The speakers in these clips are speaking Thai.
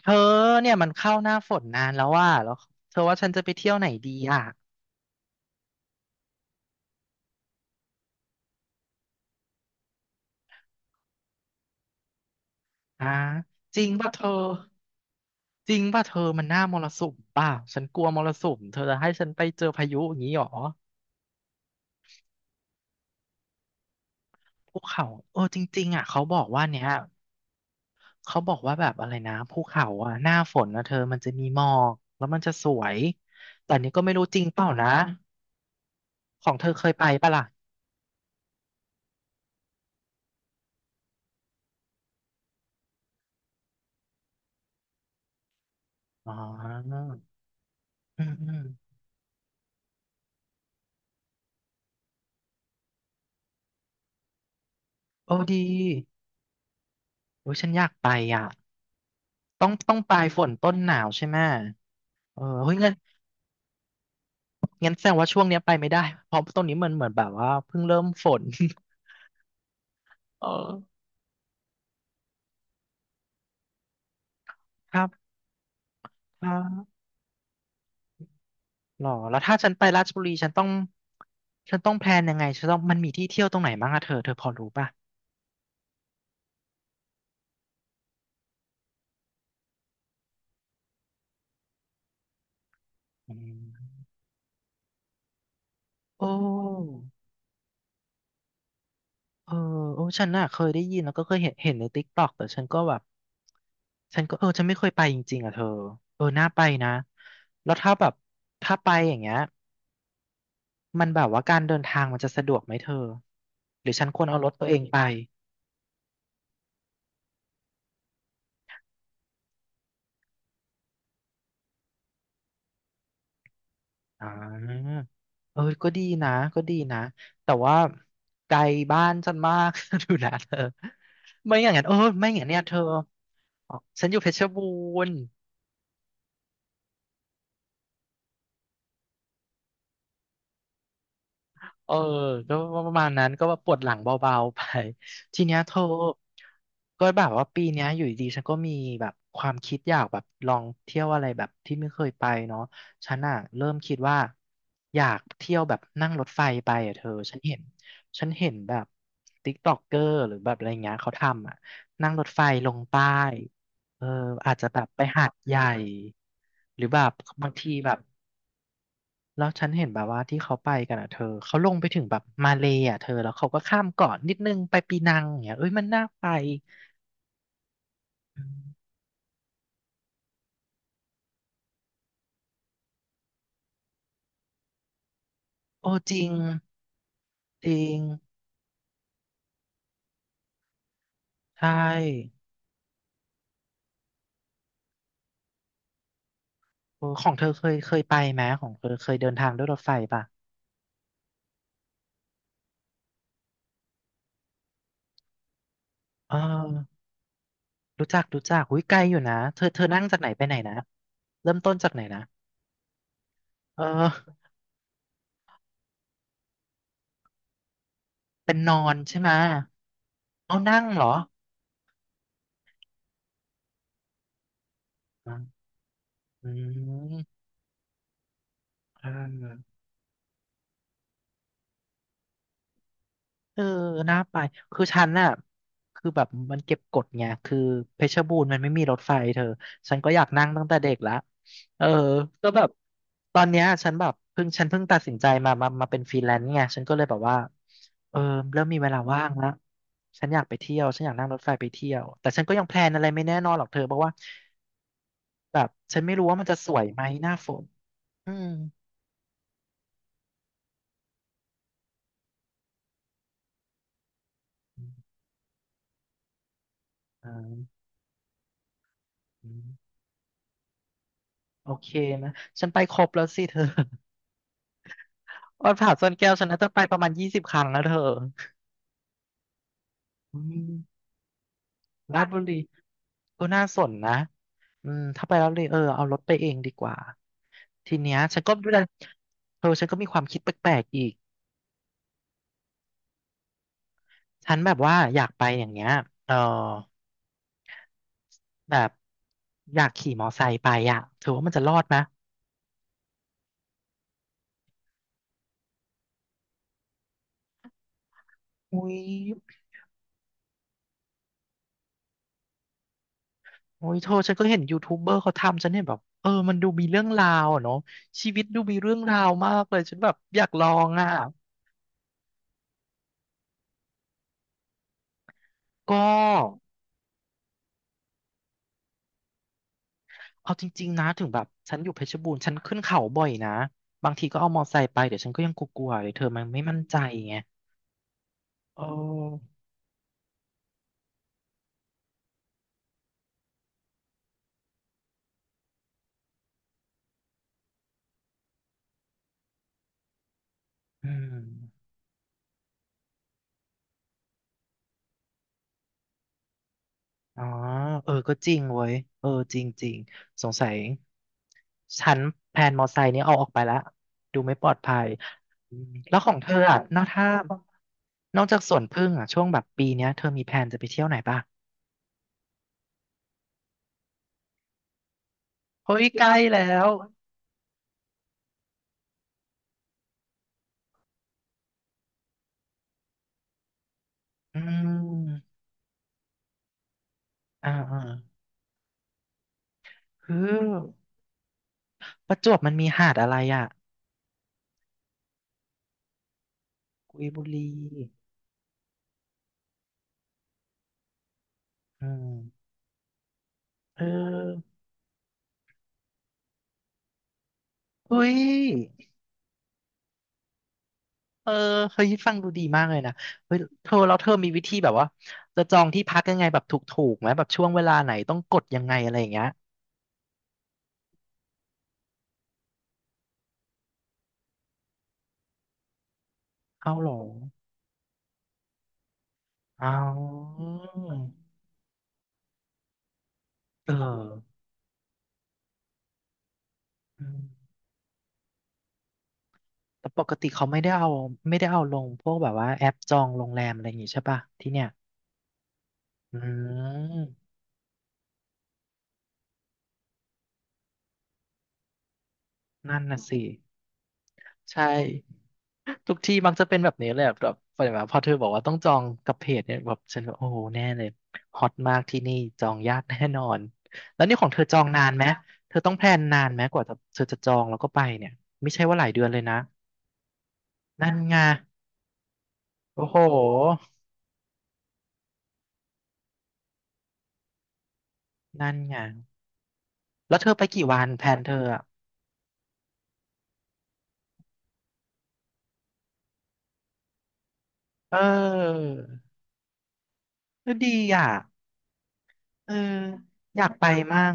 เธอเนี่ยมันเข้าหน้าฝนนานแล้วว่าแล้วเธอว่าฉันจะไปเที่ยวไหนดีอ่ะอ่ะจริงป่ะเธอจริงป่ะเธอมันหน้ามรสุมป่ะฉันกลัวมรสุมเธอจะให้ฉันไปเจอพายุอย่างนี้หรอภูเขาเออจริงๆอ่ะเขาบอกว่าเนี้ยเขาบอกว่าแบบอะไรนะภูเขาอ่ะหน้าฝนนะเธอมันจะมีหมอกแล้วมันจะสวยแต่อันนี้ก็ไม่รู้จริงเปล่านะของเธอเคยไปป่ะล่ะอ๋ออืมอืมโอ้ดีโอ้ยฉันอยากไปอ่ะ ต้องปลายฝนต้นหนาวใช่ไหมเออเฮ้ยงั้นงั้นแสดงว่าช่วงเนี้ยไปไม่ได้เพราะตรงนี้มันเหมือนแบบว่าเพิ่งเริ่มฝน เออครับอ่าหรอแล้วถ้าฉันไปราชบุรีฉันต้องแพลนยังไงฉันต้องมันมีที่เที่ยวตรงไหนบ้างอะเธอพอรู้ป่ะอืมโอ้เออโอ้ฉันน่ะเคยได้ยินแล้วก็เคยเห็นในติ๊กต็อกแต่ฉันก็แบบฉันก็ฉันไม่เคยไปจริงๆอ่ะเธอเออน่าไปนะแล้วถ้าแบบถ้าไปอย่างเงี้ย มันแบบว่าการเดินทางมันจะสะดวกไหมเธอหรือฉันควรเอารถตัวเองไปอ่าเออก็ดีนะก็ดีนะ แต่ว่าไกลบ้านฉันมาก ดูนะเธอไม่อย่างนั้นเออไม่อย่างนั้นเนี่ยเธอฉันอยู่เพชรบูรณ์ เออก็ประมาณนั้นก็ว่าปวดหลังเบาๆไปทีเนี้ยเธอก็แบบว่าปีเนี้ยอยู่ดีๆฉันก็มีแบบความคิดอยากแบบลองเที่ยวอะไรแบบที่ไม่เคยไปเนาะฉันอ่ะเริ่มคิดว่าอยากเที่ยวแบบนั่งรถไฟไปอ่ะเธอฉันเห็นแบบติ๊กต็อกเกอร์หรือแบบอะไรเงี้ยเขาทำอ่ะนั่งรถไฟลงใต้เอออาจจะแบบไปหาดใหญ่หรือแบบบางทีแบบ แล้วฉันเห็นแบบว่าที่เขาไปกันอ่ะเธอเขาลงไปถึงแบบมาเลยอ่ะเธอแล้วเขาก็ข้ามเกาะนิดนึงไปปีนังอย่างเงี้ยเอ้ยมันน่าไปอืมโอ้จริงจริงใช่โอ้ของเธอเคยไปไหมของเธอเคยเดินทางด้วยรถไฟป่ะเออรู้จักอุ้ยไกลอยู่นะเธอเธอนั่งจากไหนไปไหนนะเริ่มต้นจากไหนนะเออเป็นนอนใช่ไหมะเอานั่งเหรออ่าอืมเออ เออน่าไปคือฉันน่ะคือแบบมันเก็บกดไงคือเพชรบูรณ์มันไม่มีรถไฟเธอฉันก็อยากนั่งตั้งแต่เด็กละเออก็แบบ ตอนเนี้ยฉันเพิ่งตัดสินใจมาเป็นฟรีแลนซ์ไงฉันก็เลยแบบว่าเออเริ่มมีเวลาว่างละฉันอยากไปเที่ยวฉันอยากนั่งรถไฟไปเที่ยวแต่ฉันก็ยังแพลนอะไรไม่แน่นอนหรอกเธอเพราะว่าแบบฉันไม่รู้ว่ามันจะสวยไหมหน้าฝนอืมอ่าอืมโอเคนะ ฉันไปครบแล้วสิเธอ วัดผาซ่อนแก้วฉันน่าจะไปประมาณ20ครั้งแล้วเธออืมราชบุรีก็น่าสนนะอืมถ้าไปแล้วเลยเออเอารถไปเองดีกว่าทีเนี้ยฉันก็ดูัลเธอฉันก็มีความคิดแปลกๆอีกฉันแบบว่าอยากไปอย่างเงี้ยเออแบบอยากขี่มอไซค์ไปอ่ะเธอว่ามันจะรอดไหมอุ้ยโอ้ยเธอฉันก็เห็นยูทูบเบอร์เขาทำฉันเห็นแบบเออมันดูมีเรื่องราวอะเนาะชีวิตดูมีเรื่องราวมากเลยฉันแบบอยากลองอ่ะก็ เอาจริงๆนะถึงแบบฉันอยู่เพชรบูรณ์ฉันขึ้นเขาบ่อยนะบางทีก็เอามอไซค์ไปเดี๋ยวฉันก็ยังกลัวๆเลยเธอมันไม่มั่นใจไงเอออืมอ๋อเออก็จริงเว้ยเออจริงๆสงสัยฉันแพลนมอไซค์นี้เอาออกไปละดูไม่ปลอดภัยอืมแล้วของเธออ่ะนอกถ้านอกจากสวนผึ้งอ่ะช่วงแบบปีเนี้ยเธอมีแพลนจะไปเที่ยวไหนป่ะเฮ้ยใกล้แล้วอืมอ่าอ่าคือประจวบมันมีหาดอะไรอ่ะ กุยบุรีอืมเออเฮ้ยเออเฮ้ยฟังดูดีมากเลยนะเฮ้ยเธอแล้วเธอมีวิธีแบบว่าจะจองที่พักยังไงแบบถูกๆไหมแบบช่วงเวลาไหนต้องกดยังไงอะไรอย่างเงี้ยเอาเหรอเอาเอออืมแต่ปกติเขาไม่ได้เอาลงพวกแบบว่าแอปจองโรงแรมอะไรอย่างงี้ใช่ป่ะที่เนี่ยอืมนั่นน่ะสิใช่ ทุกที่มักจะเป็นแบบนี้เลยอะแบบแบบพอเธอบอกว่าต้องจองกับเพจเนี่ยแบบฉันก็โอ้โหแน่เลยฮอตมากที่นี่จองยากแน่นอนแล้วนี่ของเธอจองนานไหมเธอต้องแพลนนานไหมกว่าจะเธอจะจองแล้วก็ไปเนี่ยไม่ใช่ว่าหลายเดือนเลยนะนั่นไงโอ้โหนั่นไงแล้วเธอไปกี่วันแพลนเธออะเออก็ดีอ่ะเอออยากไปมั่ง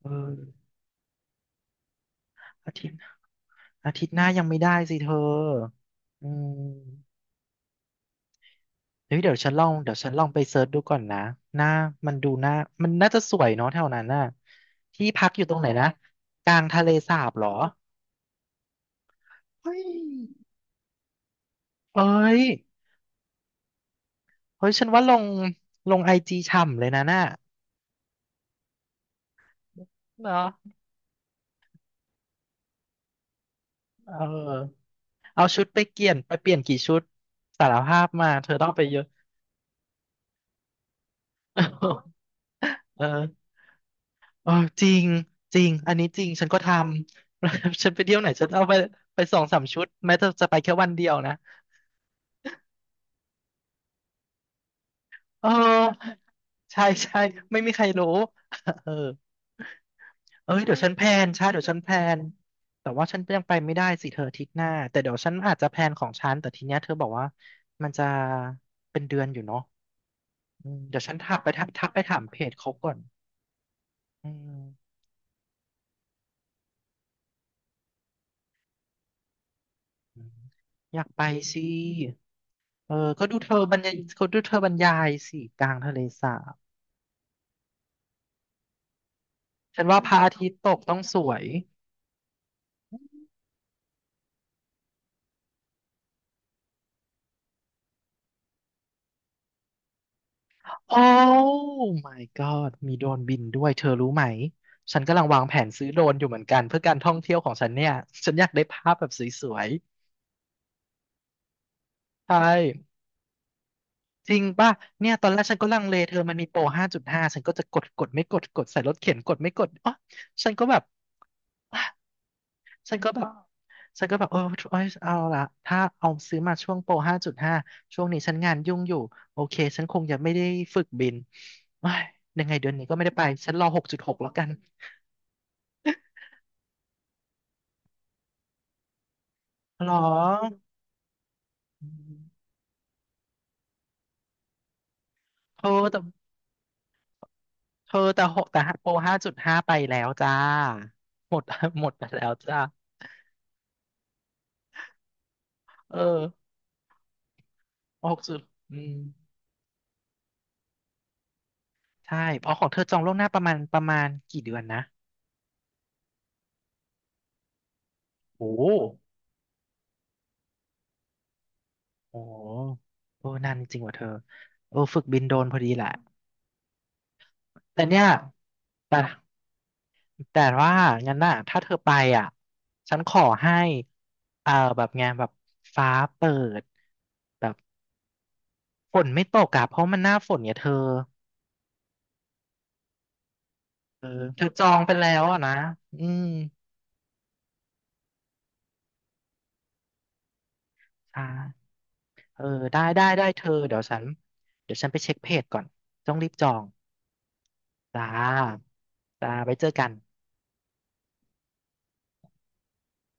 เอออาทิตย์อาทิตย์หน้ายังไม่ได้สิเธออืม เฮ้ยเดี๋ยวฉันลองเดี๋ยวฉันลองไปเซิร์ชดูก่อนนะหน้ามันดูหน้ามันน่าจะสวยเนาะแถวนั้นน่ะที่พักอยู่ตรงไหนนะกลางทะเลสาบเหรอเฮ้ยเอ้ยเฮ้ยฉันว่าลงไอจีฉ่ำเลยนะน่ะเนาะเออเอาชุดไปเปลี่ยนไปเปลี่ยนกี่ชุดสารภาพมาเธอต้องไปเยอะ เออเออจริงจริงอันนี้จริงฉันก็ทำ ฉันไปเที่ยวไหนฉันเอาไปไปสองสามชุดแม้จะไปแค่วันเดียวนะ เออใช่ใช่ไม่มีใครรู้ เออเอ้ยเดี๋ยวฉันแพลนใช่เดี๋ยวฉันแพลนแต่ว่าฉันยังไปไม่ได้สิเธออาทิตย์หน้าแต่เดี๋ยวฉันอาจจะแพลนของฉันแต่ทีเนี้ยเธอบอกว่ามันจะเป็นเดือนอยู่เนาะอืมเดี๋ยวฉันทักไปทักไปถามเพจเขาก่อนอืมอืมอยากไปสิเออก็ดูเธอบรรยายเขาดูเธอบรรยายสิกลางทะเลสาบฉันว่าพระอาทิตย์ตกต้องสวย โอ้ my god มีโดรนบินด้วยเธอรู้ไหมฉันกำลังวางแผนซื้อโดรนอยู่เหมือนกันเพื่อการท่องเที่ยวของฉันเนี่ยฉันอยากได้ภาพแบบสวยๆใช่จริงป่ะเนี่ยตอนแรกฉันก็ลังเลเธอมันมีโปร5.5ฉันก็จะกดกดไม่กดกดใส่รถเข็นกดไม่กดอ๋อฉันก็แบบ ฉันก็แบบ ฉันก็แบบเออเอ้ยเอาละถ้าเอาซื้อมาช่วงโปร5.5ช่วงนี้ฉันงานยุ่งอยู่โอเคฉันคงจะไม่ได้ฝึกบินเอ้ยยังไงเดือนนี้ก็ไม่ได้ไปฉันรอ6.6แล้วกัน หรออืมเธอแต่เธอแต่หกแต่โปรห้าจุดห้าไปแล้วจ้าหมด หมดไปแล้วจ้าเออหกจุดอืมใช่เพราะของเธอจองล่วงหน้าประมาณกี่เดือนนะโอ้โหโอ้นานจริงว่ะเธอเออฝึกบินโดรนพอดีแหละแต่เนี่ยแต่แต่ว่างั้นน่ะถ้าเธอไปอ่ะฉันขอให้เอ่อแบบไงแบบฟ้าเปิดแบบฝนไม่ตกอ่ะเพราะมันหน้าฝนเนี่ยเธอ เออเธอจองไปแล้วอะนะอืมอ่าเออได้ได้ได้เธอเดี๋ยวฉัน เดี๋ยวฉันไปเช็คเพจก่อน ต้องรีบจอง จ้าจ้าไว้เจอกัน